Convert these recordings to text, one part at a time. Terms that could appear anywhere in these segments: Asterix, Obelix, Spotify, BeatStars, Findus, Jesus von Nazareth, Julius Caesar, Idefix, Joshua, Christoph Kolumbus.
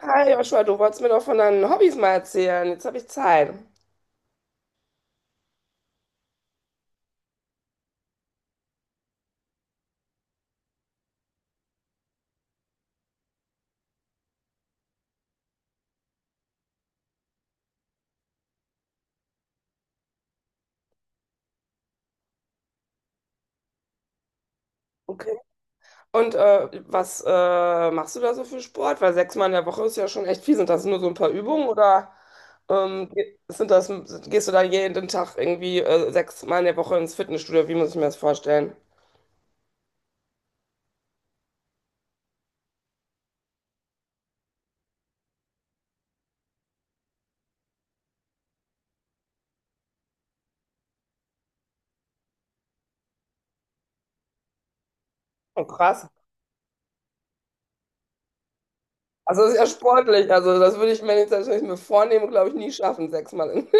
Hi Joshua, du wolltest mir doch von deinen Hobbys mal erzählen. Jetzt habe ich Zeit. Okay. Und was machst du da so für Sport? Weil sechsmal in der Woche ist ja schon echt viel. Sind das nur so ein paar Übungen oder ähm, ge- sind das, gehst du da jeden Tag irgendwie sechsmal in der Woche ins Fitnessstudio? Wie muss ich mir das vorstellen? Oh, krass. Also das ist ja sportlich. Also das würde ich mir jetzt, wenn ich mir vornehme, glaube ich, nie schaffen, sechsmal.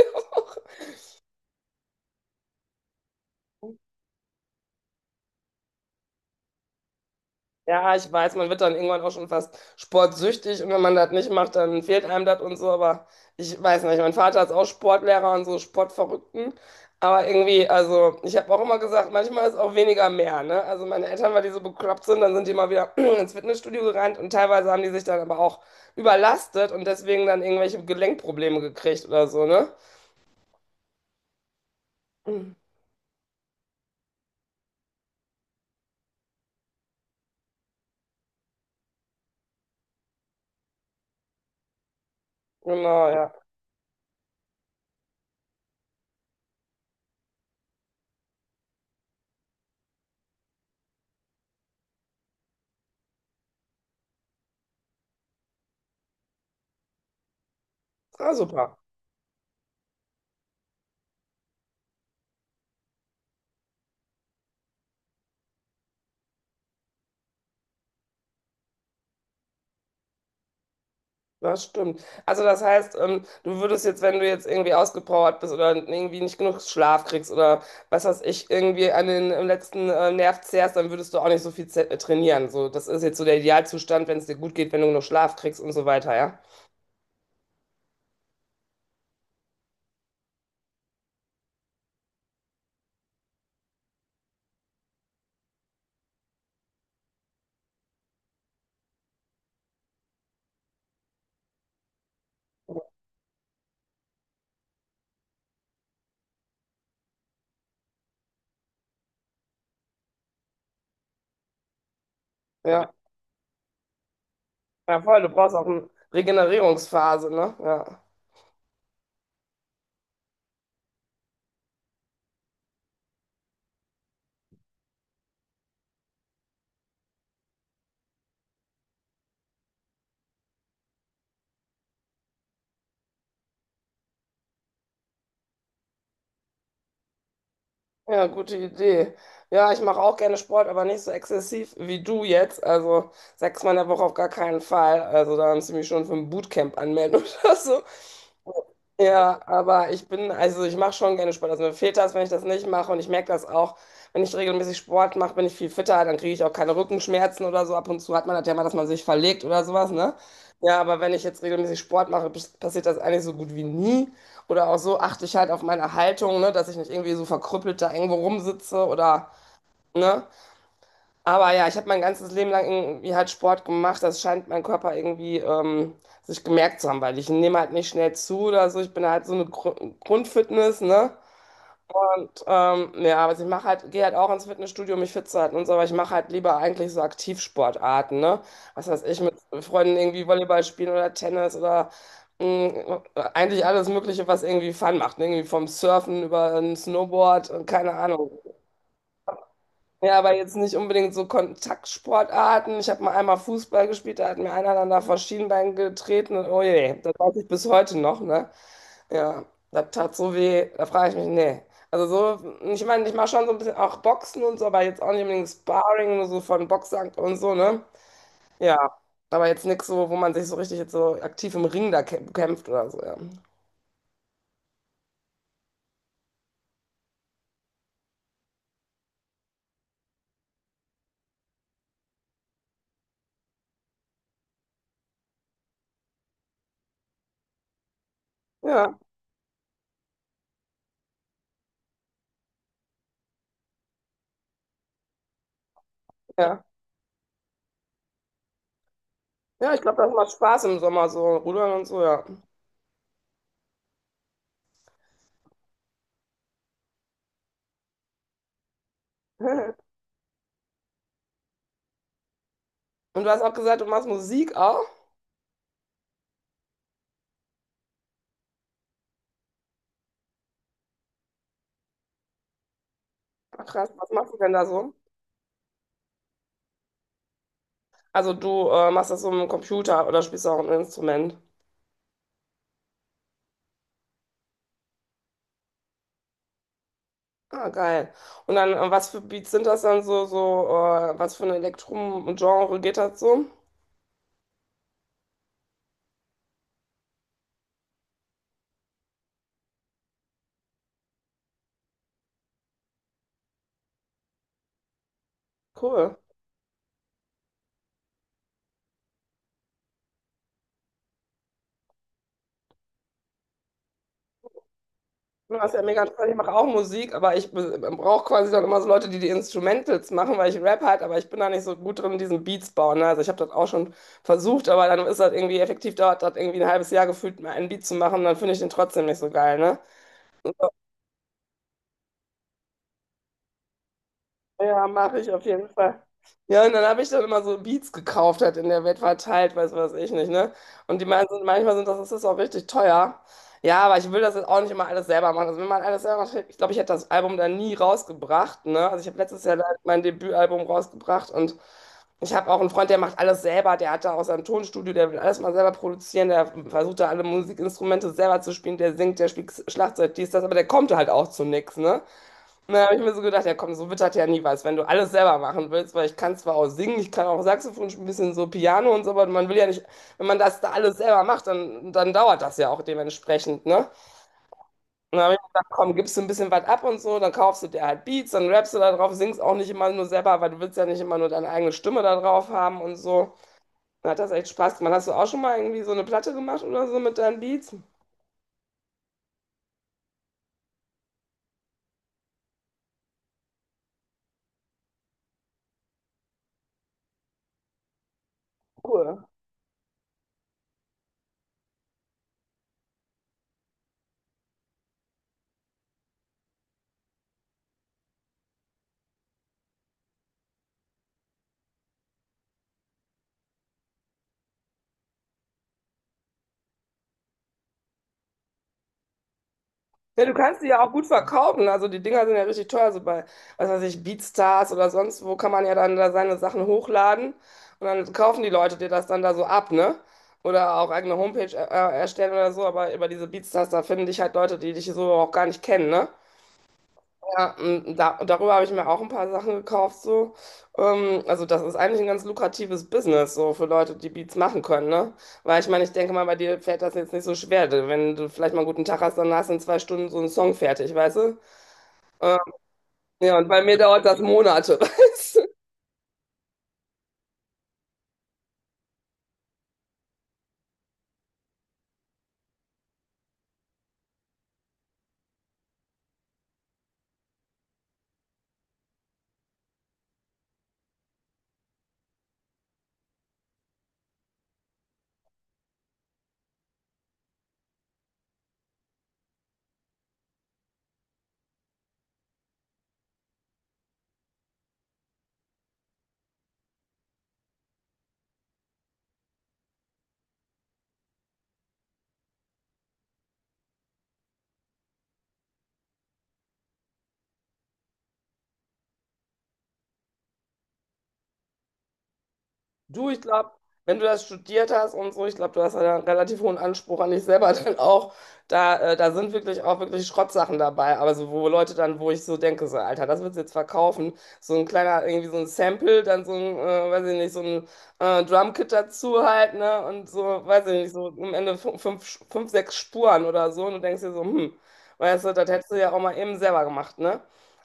Ja, ich weiß, man wird dann irgendwann auch schon fast sportsüchtig, und wenn man das nicht macht, dann fehlt einem das und so. Aber ich weiß nicht, mein Vater ist auch Sportlehrer und so Sportverrückten. Aber irgendwie, also ich habe auch immer gesagt, manchmal ist auch weniger mehr, ne? Also meine Eltern, weil die so bekloppt sind, dann sind die mal wieder ins Fitnessstudio gerannt und teilweise haben die sich dann aber auch überlastet und deswegen dann irgendwelche Gelenkprobleme gekriegt oder so, ne? Genau, ja. Ah, super. Das stimmt. Also das heißt, du würdest jetzt, wenn du jetzt irgendwie ausgepowert bist oder irgendwie nicht genug Schlaf kriegst oder was weiß ich, irgendwie an den letzten Nerv zehrst, dann würdest du auch nicht so viel trainieren. So, das ist jetzt so der Idealzustand, wenn es dir gut geht, wenn du genug Schlaf kriegst und so weiter, ja? Ja. Ja, voll, du brauchst auch eine Regenerierungsphase, ne? Ja. Ja, gute Idee. Ja, ich mache auch gerne Sport, aber nicht so exzessiv wie du jetzt. Also sechsmal in der Woche auf gar keinen Fall. Also da haben sie mich schon für ein Bootcamp anmelden oder so. Ja, aber ich bin, also ich mache schon gerne Sport. Also mir fehlt das, wenn ich das nicht mache. Und ich merke das auch, wenn ich regelmäßig Sport mache, bin ich viel fitter. Dann kriege ich auch keine Rückenschmerzen oder so. Ab und zu hat man das ja mal, dass man sich verlegt oder sowas, ne? Ja, aber wenn ich jetzt regelmäßig Sport mache, passiert das eigentlich so gut wie nie. Oder auch so achte ich halt auf meine Haltung, ne, dass ich nicht irgendwie so verkrüppelt da irgendwo rumsitze oder, ne? Aber ja, ich habe mein ganzes Leben lang irgendwie halt Sport gemacht. Das scheint mein Körper irgendwie sich gemerkt zu haben, weil ich nehme halt nicht schnell zu oder so. Ich bin halt so eine Grundfitness, ne? Und ja, also ich mache halt, gehe halt auch ins Fitnessstudio, um mich fit zu halten und so, aber ich mache halt lieber eigentlich so Aktivsportarten, ne? Was weiß ich, mit Freunden irgendwie Volleyball spielen oder Tennis oder mh, eigentlich alles Mögliche, was irgendwie Fun macht, ne? Irgendwie vom Surfen über ein Snowboard, keine Ahnung. Ja, aber jetzt nicht unbedingt so Kontaktsportarten. Ich habe mal einmal Fußball gespielt, da hat mir einer dann da vor Schienbein getreten und oh je, das weiß ich bis heute noch, ne? Ja, das tat so weh, da frage ich mich, nee. Also so, ich meine, ich mache schon so ein bisschen auch Boxen und so, aber jetzt auch nicht unbedingt Sparring, nur so von Boxsack und so, ne? Ja, aber jetzt nichts so, wo man sich so richtig jetzt so aktiv im Ring da kämpft oder so, ja. Ja, ja. Ja, ich glaube, das macht Spaß im Sommer, so rudern und so, ja. Und du hast auch gesagt, du machst Musik auch? Ach, krass, was machst du denn da so? Also du machst das so im Computer oder spielst du auch ein Instrument? Ah, geil. Und dann, was für Beats sind das dann so, was für ein Elektrum-Genre geht das so? Cool. Ja, das ist ja mega interessant. Ich mache auch Musik, aber ich brauche quasi dann immer so Leute, die die Instrumentals machen, weil ich Rap halt, aber ich bin da nicht so gut drin, diesen Beats bauen. Ne? Also ich habe das auch schon versucht, aber dann ist das irgendwie effektiv, dauert das irgendwie ein halbes Jahr gefühlt, mir einen Beat zu machen, dann finde ich den trotzdem nicht so geil, ne? Ja, mache ich auf jeden Fall. Ja, und dann habe ich dann immer so Beats gekauft, halt in der Welt verteilt, weiß was ich nicht, ne? Und die meinen, das ist auch richtig teuer. Ja, aber ich will das jetzt auch nicht immer alles selber machen. Also wenn man alles selber macht, ich glaube, ich hätte das Album dann nie rausgebracht, ne? Also ich habe letztes Jahr leider mein Debütalbum rausgebracht und ich habe auch einen Freund, der macht alles selber, der hat da auch sein Tonstudio, der will alles mal selber produzieren, der versucht da alle Musikinstrumente selber zu spielen, der singt, der spielt Schlagzeug, dies, das, aber der kommt halt auch zu nichts, ne? Na, habe ich mir so gedacht, ja komm, so wird das ja nie was, wenn du alles selber machen willst, weil ich kann zwar auch singen, ich kann auch Saxophon spielen, ein bisschen so Piano und so, aber man will ja nicht, wenn man das da alles selber macht, dann dauert das ja auch dementsprechend, ne? Und dann habe ich mir gedacht, komm, gibst du ein bisschen was ab und so, dann kaufst du dir halt Beats, dann rappst du da drauf, singst auch nicht immer nur selber, weil du willst ja nicht immer nur deine eigene Stimme da drauf haben und so. Dann hat das echt Spaß gemacht. Hast du auch schon mal irgendwie so eine Platte gemacht oder so mit deinen Beats? Cool. Ja, du kannst die ja auch gut verkaufen. Also die Dinger sind ja richtig teuer. So bei, was weiß ich, BeatStars oder sonst wo kann man ja dann da seine Sachen hochladen und dann kaufen die Leute dir das dann da so ab, ne? Oder auch eigene Homepage erstellen oder so. Aber über diese BeatStars, da finden dich halt Leute, die dich so auch gar nicht kennen, ne? Ja, darüber habe ich mir auch ein paar Sachen gekauft, so. Also das ist eigentlich ein ganz lukratives Business, so für Leute, die Beats machen können, ne? Weil ich meine, ich denke mal, bei dir fällt das jetzt nicht so schwer. Wenn du vielleicht mal einen guten Tag hast, dann hast du in zwei Stunden so einen Song fertig, weißt du? Ähm, ja, und bei mir dauert das Monate. Du, ich glaube, wenn du das studiert hast und so, ich glaube, du hast ja einen relativ hohen Anspruch an dich selber dann auch. Da sind wirklich auch wirklich Schrottsachen dabei. Aber so, wo Leute dann, wo ich so denke, so, Alter, das willst du jetzt verkaufen. So ein kleiner, irgendwie so ein Sample, dann so ein, weiß ich nicht, so ein Drumkit dazu halt, ne? Und so, weiß ich nicht, so am Ende fünf, sechs Spuren oder so. Und du denkst dir so, weißt du, das hättest du ja auch mal eben selber gemacht, ne?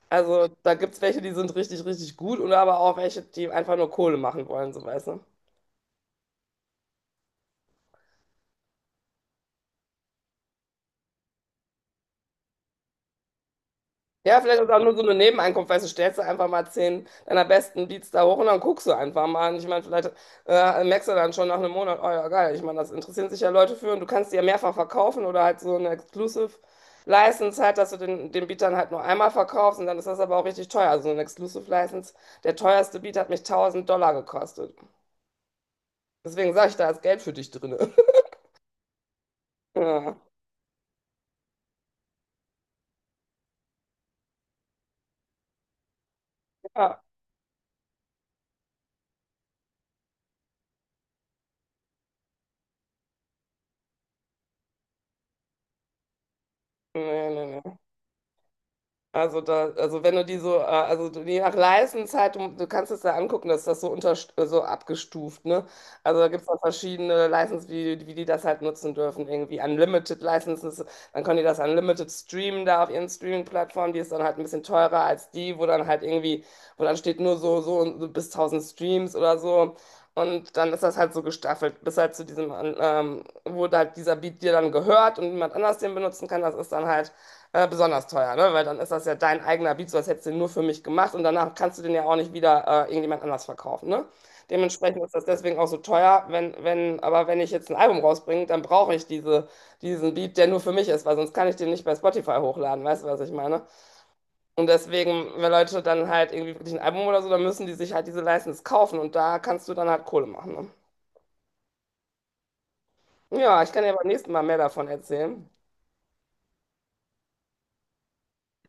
Also da gibt es welche, die sind richtig, richtig gut und aber auch welche, die einfach nur Kohle machen wollen, so weißt du. Ja, vielleicht ist auch nur so eine Nebeneinkunft, weißt du, stellst du einfach mal 10 deiner besten Beats da hoch und dann guckst du einfach mal. Und ich meine, vielleicht merkst du dann schon nach einem Monat, oh ja, geil, ich meine, das interessieren sich ja Leute für und du kannst die ja mehrfach verkaufen oder halt so eine Exclusive License halt, dass du den Beat dann halt nur einmal verkaufst und dann ist das aber auch richtig teuer. Also so eine Exclusive License, der teuerste Beat hat mich 1000 Dollar gekostet. Deswegen sage ich, da ist Geld für dich drin. Ja, ja, nee, nee, nee. Also da, also wenn du die so, je nach License halt, du kannst es da angucken, dass das so unter, so abgestuft, ne? Also da gibt es dann verschiedene License, wie die das halt nutzen dürfen, irgendwie Unlimited Licenses, dann können die das Unlimited streamen da auf ihren Streaming-Plattformen, die ist dann halt ein bisschen teurer als die, wo dann halt irgendwie, wo dann steht nur und so bis 1000 Streams oder so. Und dann ist das halt so gestaffelt, bis halt zu diesem, wo halt dieser Beat dir dann gehört und niemand anders den benutzen kann, das ist dann halt besonders teuer, ne? Weil dann ist das ja dein eigener Beat, so als hättest du den nur für mich gemacht und danach kannst du den ja auch nicht wieder irgendjemand anders verkaufen, ne? Dementsprechend ist das deswegen auch so teuer, wenn, aber wenn ich jetzt ein Album rausbringe, dann brauche ich diesen Beat, der nur für mich ist, weil sonst kann ich den nicht bei Spotify hochladen, weißt du, was ich meine? Und deswegen, wenn Leute dann halt irgendwie wirklich ein Album oder so, dann müssen die sich halt diese License kaufen und da kannst du dann halt Kohle machen, ne? Ja, ich kann dir beim nächsten Mal mehr davon erzählen.